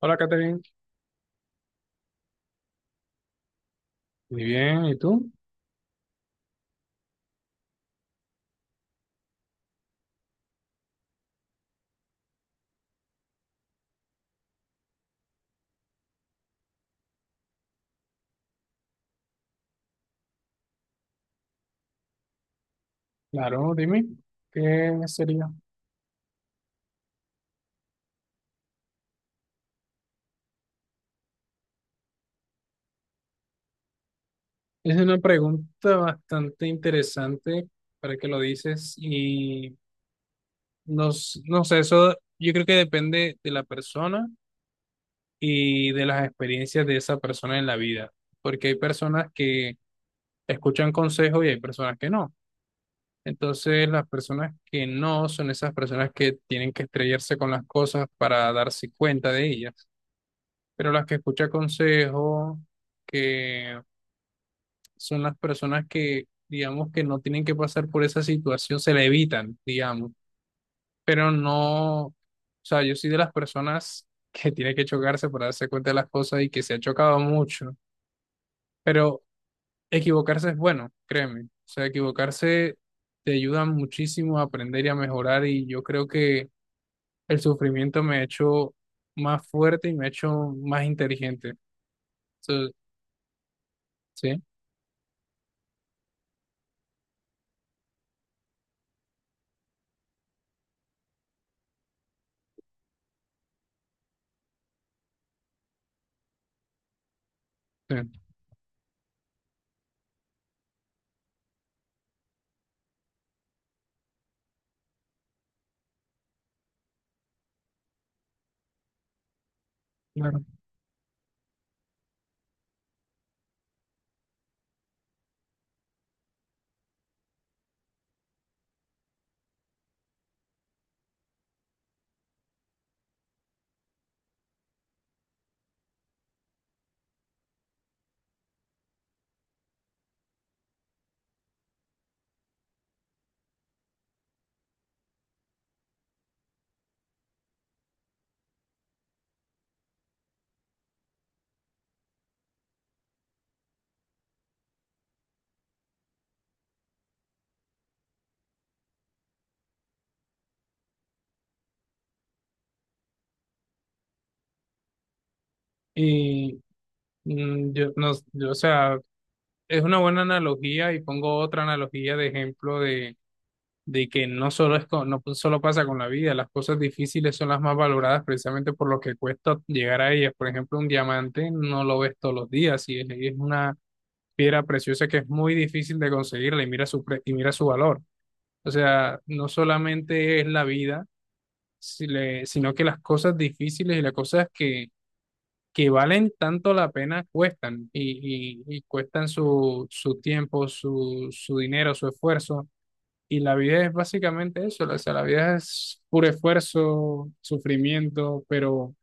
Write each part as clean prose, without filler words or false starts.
Hola, Catherine. Muy bien, ¿y tú? Claro, dime, ¿qué sería? Es una pregunta bastante interesante para que lo dices y no, no sé, eso yo creo que depende de la persona y de las experiencias de esa persona en la vida, porque hay personas que escuchan consejos y hay personas que no. Entonces, las personas que no son esas personas que tienen que estrellarse con las cosas para darse cuenta de ellas. Pero las que escucha consejos, que son las personas que, digamos, que no tienen que pasar por esa situación, se la evitan, digamos, pero no, o sea, yo soy de las personas que tiene que chocarse para darse cuenta de las cosas y que se ha chocado mucho, pero equivocarse es bueno, créeme, o sea, equivocarse te ayuda muchísimo a aprender y a mejorar y yo creo que el sufrimiento me ha hecho más fuerte y me ha hecho más inteligente. So, sí, sí, claro. Y yo, no, yo, o sea, es una buena analogía y pongo otra analogía de ejemplo de, que no solo no solo pasa con la vida, las cosas difíciles son las más valoradas precisamente por lo que cuesta llegar a ellas. Por ejemplo, un diamante no lo ves todos los días y es una piedra preciosa que es muy difícil de conseguirla y y mira su valor. O sea, no solamente es la vida, si le- sino que las cosas difíciles y las cosas que valen tanto la pena cuestan y cuestan su tiempo, su dinero, su esfuerzo. Y la vida es básicamente eso, o sea, la vida es puro esfuerzo, sufrimiento, pero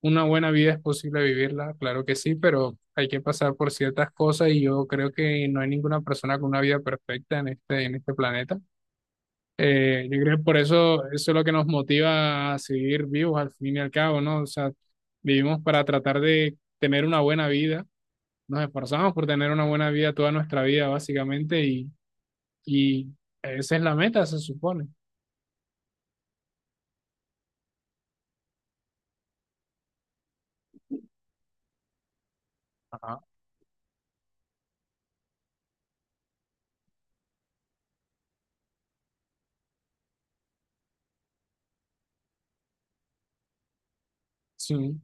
una buena vida es posible vivirla, claro que sí, pero hay que pasar por ciertas cosas y yo creo que no hay ninguna persona con una vida perfecta en este, planeta. Yo creo que eso es lo que nos motiva a seguir vivos al fin y al cabo, ¿no? O sea, vivimos para tratar de tener una buena vida, nos esforzamos por tener una buena vida toda nuestra vida, básicamente, y esa es la meta, se supone. Ajá. Sí, yo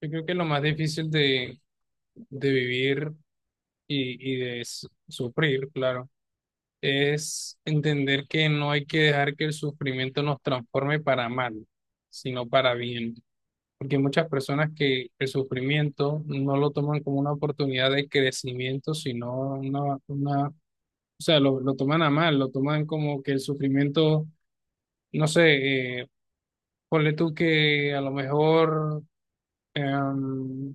creo que lo más difícil de vivir y de sufrir, claro, es entender que no hay que dejar que el sufrimiento nos transforme para mal, sino para bien. Porque hay muchas personas que el sufrimiento no lo toman como una oportunidad de crecimiento, sino o sea, lo toman a mal, lo toman como que el sufrimiento, no sé, ponle tú que a lo mejor, em,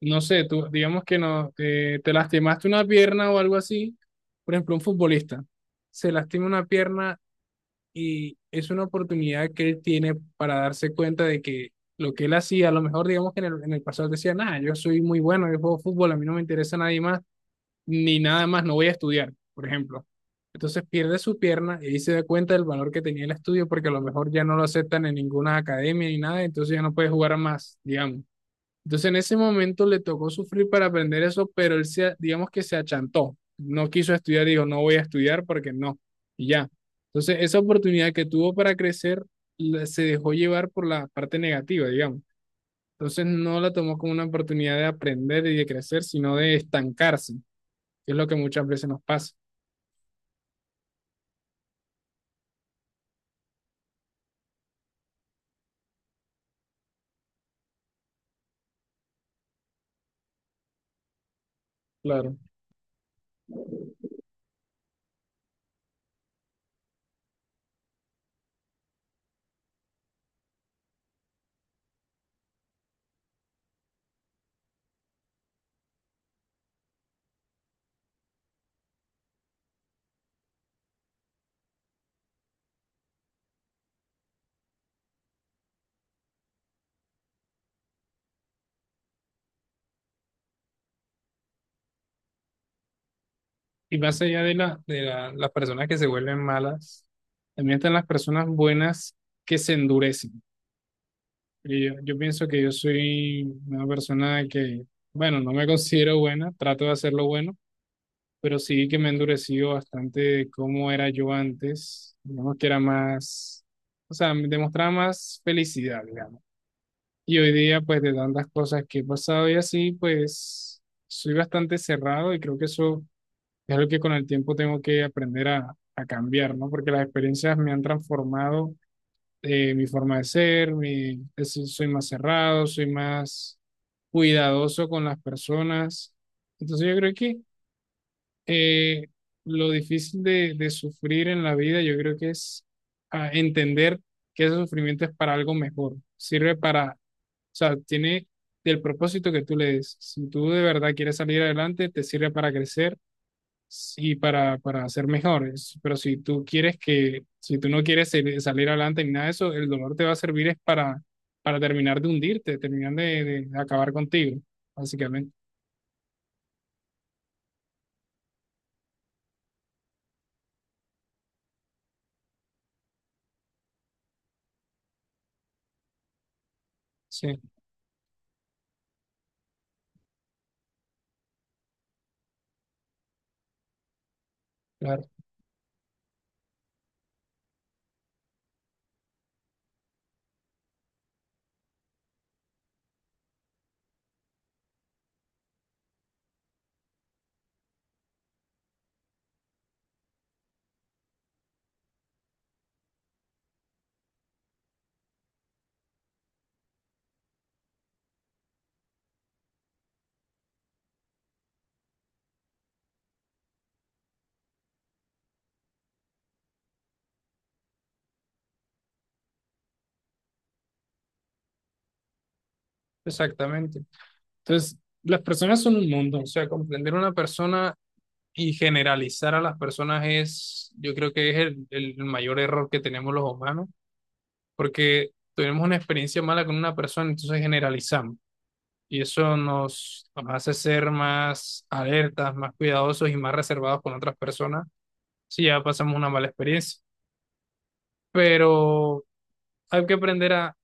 no sé, tú, digamos que no, te lastimaste una pierna o algo así, por ejemplo, un futbolista se lastima una pierna y es una oportunidad que él tiene para darse cuenta de que lo que él hacía, a lo mejor digamos que en el pasado él decía, nada, yo soy muy bueno, yo juego fútbol, a mí no me interesa nadie más, ni nada más, no voy a estudiar, por ejemplo. Entonces pierde su pierna y ahí se da cuenta del valor que tenía el estudio porque a lo mejor ya no lo aceptan en ninguna academia ni nada, entonces ya no puede jugar más, digamos. Entonces en ese momento le tocó sufrir para aprender eso, pero él se, digamos que se achantó, no quiso estudiar, dijo, no voy a estudiar porque no, y ya. Entonces esa oportunidad que tuvo para crecer se dejó llevar por la parte negativa, digamos. Entonces no la tomó como una oportunidad de aprender y de crecer, sino de estancarse, que es lo que muchas veces nos pasa, claro. Y más allá de, la, las personas que se vuelven malas, también están las personas buenas que se endurecen. Y yo pienso que yo soy una persona que, bueno, no me considero buena, trato de hacerlo bueno, pero sí que me he endurecido bastante de cómo era yo antes, digamos que era más, o sea, me demostraba más felicidad, digamos. Y hoy día, pues de tantas cosas que he pasado y así, pues soy bastante cerrado y creo que eso es algo que con el tiempo tengo que aprender a cambiar, ¿no? Porque las experiencias me han transformado mi forma de ser, soy más cerrado, soy más cuidadoso con las personas. Entonces yo creo que eh, lo difícil de sufrir en la vida, yo creo que es entender que ese sufrimiento es para algo mejor, sirve para, o sea, tiene el propósito que tú le des. Si tú de verdad quieres salir adelante, te sirve para crecer y para, ser mejores. Pero si tú quieres que, si tú no quieres salir adelante ni nada de eso, el dolor te va a servir es para terminar de hundirte, terminar de acabar contigo, básicamente. Sí, claro, exactamente. Entonces, las personas son un mundo, o sea, comprender una persona y generalizar a las personas yo creo que es el mayor error que tenemos los humanos, porque tenemos una experiencia mala con una persona, entonces generalizamos. Y eso nos hace ser más alertas, más cuidadosos y más reservados con otras personas si ya pasamos una mala experiencia. Pero hay que aprender a,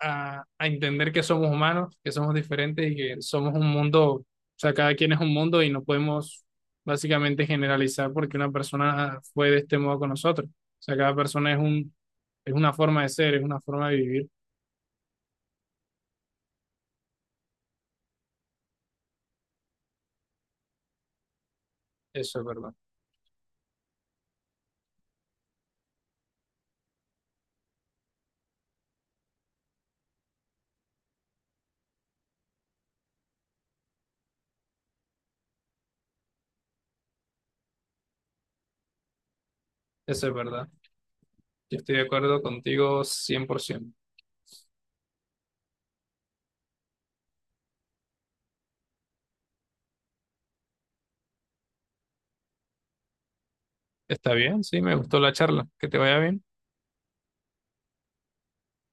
a entender que somos humanos, que somos diferentes y que somos un mundo, o sea, cada quien es un mundo y no podemos básicamente generalizar porque una persona fue de este modo con nosotros. O sea, cada persona es una forma de ser, es una forma de vivir. Eso es verdad, eso es verdad. Yo estoy de acuerdo contigo 100%. Está bien, sí, me gustó la charla. Que te vaya bien.